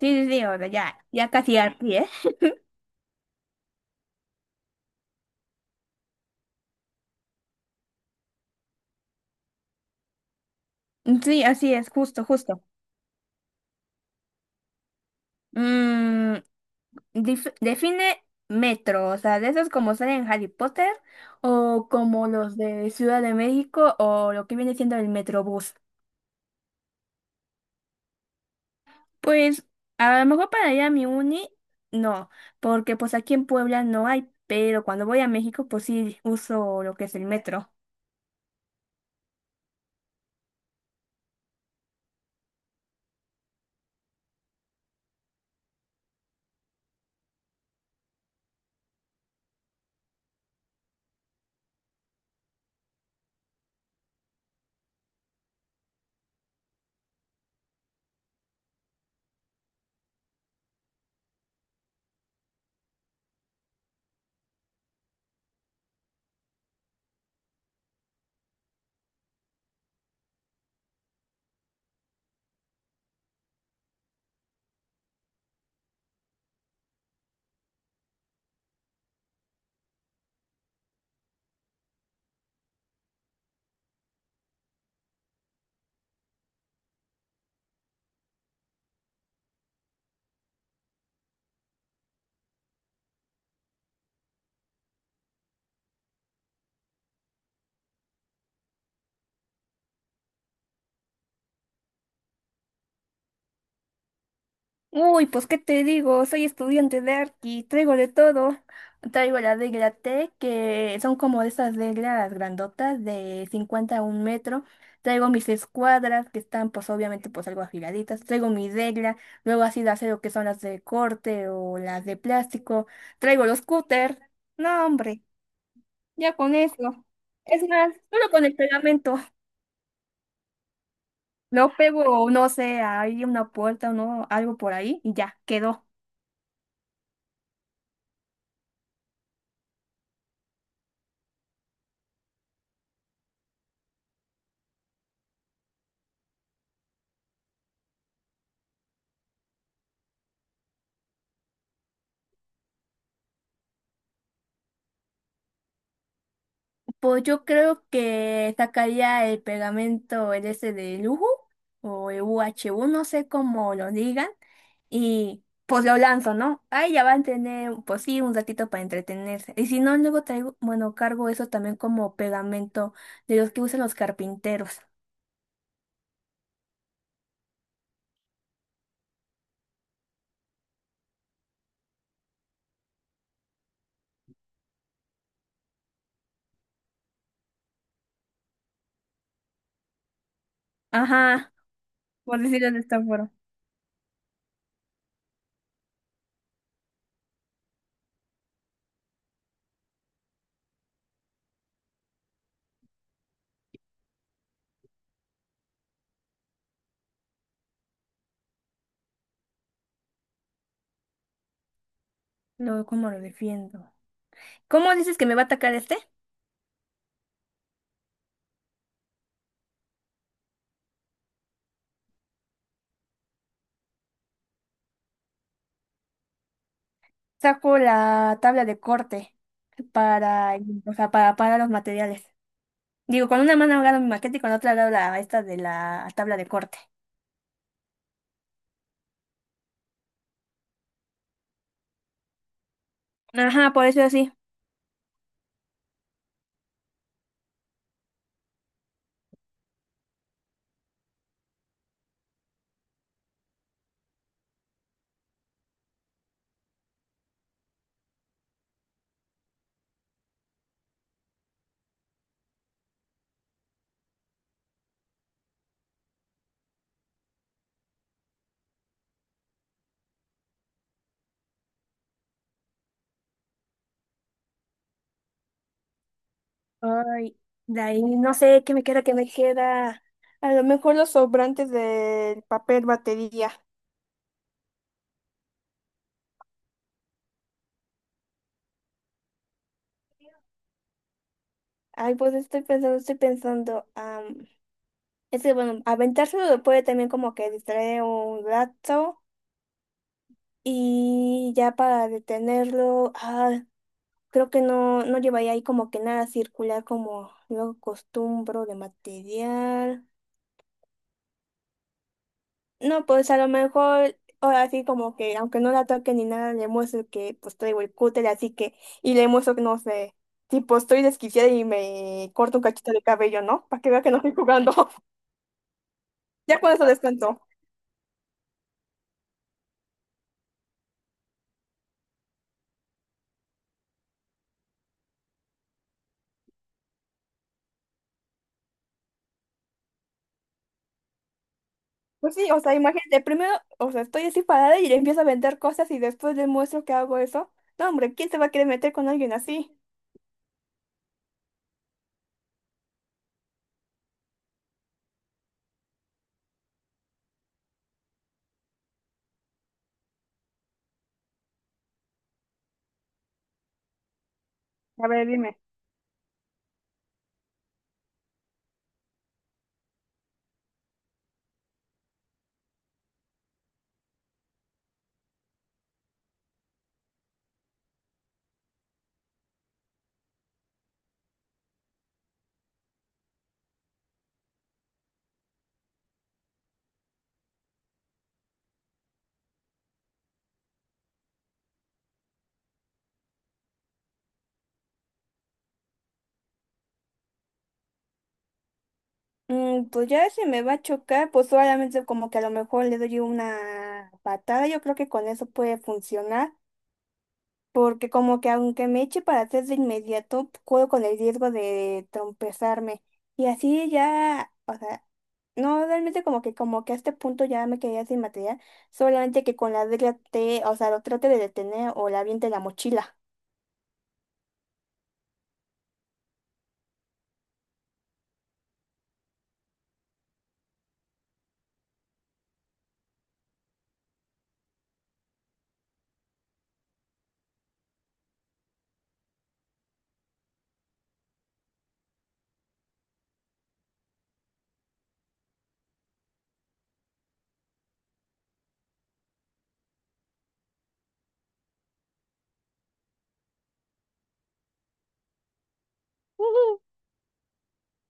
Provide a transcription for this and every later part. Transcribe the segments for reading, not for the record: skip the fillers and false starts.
Sí, sí, sí, o sea, ya, ya casi aquí, pie. Sí, así es, justo, justo. Mm, define metro, o sea, de esos como salen en Harry Potter, o como los de Ciudad de México, o lo que viene siendo el Metrobús. Pues, a lo mejor para ir a mi uni, no, porque pues aquí en Puebla no hay, pero cuando voy a México, pues sí uso lo que es el metro. Uy, pues qué te digo, soy estudiante de arqui, traigo de todo. Traigo la regla T, que son como de esas reglas grandotas de 50 a un metro. Traigo mis escuadras, que están pues obviamente pues algo afiladitas. Traigo mi regla, luego así de acero, que son las de corte o las de plástico. Traigo los cúter. No, hombre, ya con eso. Es más, solo con el pegamento. Lo pego, no sé, hay una puerta o no, algo por ahí y ya, quedó. Pues yo creo que sacaría el pegamento, el ese de lujo, o el U H U, no sé cómo lo digan, y pues lo lanzo, ¿no? Ahí ya van a tener, pues sí, un ratito para entretenerse. Y si no, luego traigo, bueno, cargo eso también como pegamento de los que usan los carpinteros. Ajá, por decirlo de esta forma. Luego, ¿cómo lo defiendo? ¿Cómo dices que me va a atacar este? Saco la tabla de corte para, o sea, para los materiales. Digo, con una mano hago mi maqueta y con la otra hago la, esta de la tabla de corte. Ajá, por eso es así. Ay, de ahí no sé qué me queda, qué me queda. A lo mejor los sobrantes del papel batería. Ay, pues estoy pensando, estoy pensando. Es que bueno, aventárselo puede también como que distraer un rato. Y ya para detenerlo, ah, creo que no, no llevaría ahí como que nada circular como luego acostumbro de material. No, pues a lo mejor, ahora sí como que, aunque no la toque ni nada, le muestro que pues traigo el cúter, así que, y le muestro que no sé, tipo estoy desquiciada y me corto un cachito de cabello, ¿no? Para que vea que no estoy jugando. Ya con eso descanso. Pues sí, o sea, imagínate, primero, o sea, estoy así parada y le empiezo a vender cosas y después le muestro que hago eso. No, hombre, ¿quién se va a querer meter con alguien así? A ver, dime. Mm, pues ya si me va a chocar, pues solamente como que a lo mejor le doy una patada, yo creo que con eso puede funcionar. Porque como que aunque me eche para atrás de inmediato, puedo con el riesgo de trompezarme. Y así ya, o sea, no realmente como que a este punto ya me quedé sin material, solamente que con la regla te, o sea, lo trate de detener o la aviente la mochila. Ujú.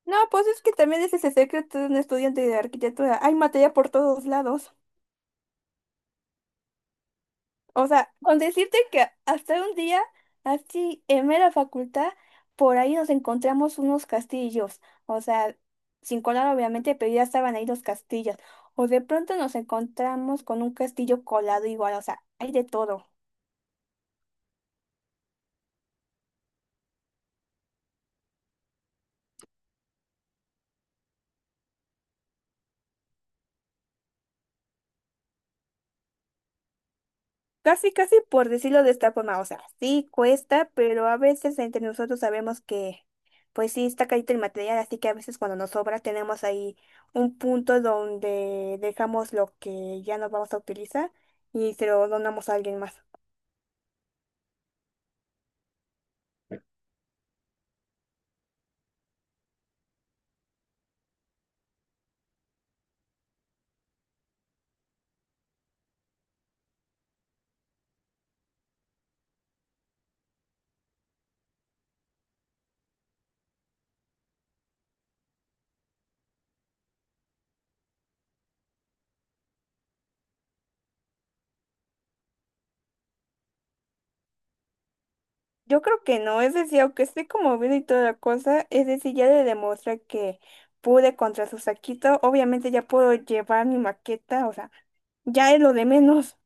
No, pues es que también ese es el secreto de un estudiante de arquitectura. Hay materia por todos lados. O sea, con decirte que hasta un día, así en mera facultad, por ahí nos encontramos unos castillos. O sea, sin colar obviamente, pero ya estaban ahí los castillos. O de pronto nos encontramos con un castillo colado igual, o sea, hay de todo. Casi, casi por decirlo de esta forma, o sea, sí cuesta, pero a veces entre nosotros sabemos que, pues sí, está carito el material, así que a veces cuando nos sobra tenemos ahí un punto donde dejamos lo que ya no vamos a utilizar y se lo donamos a alguien más. Yo creo que no, es decir, aunque esté como bien y toda la cosa, es decir, ya le demostré que pude contra su saquito, obviamente ya puedo llevar mi maqueta, o sea, ya es lo de menos.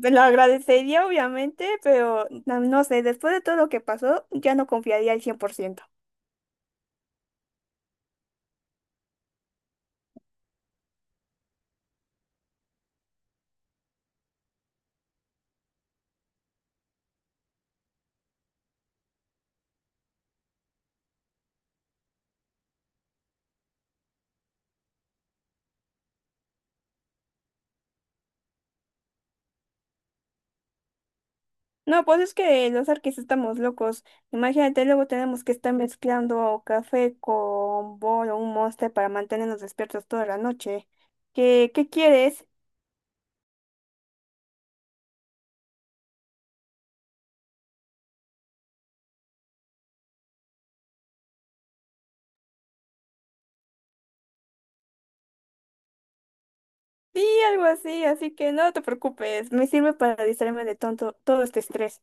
Te lo agradecería, obviamente, pero no, no sé, después de todo lo que pasó, ya no confiaría al 100%. No, pues es que los arquis estamos locos. Imagínate, luego tenemos que estar mezclando café con bol o un monster para mantenernos despiertos toda la noche. ¿Qué, qué quieres? Sí, algo así, así que no te preocupes, me sirve para distraerme de tonto todo este estrés.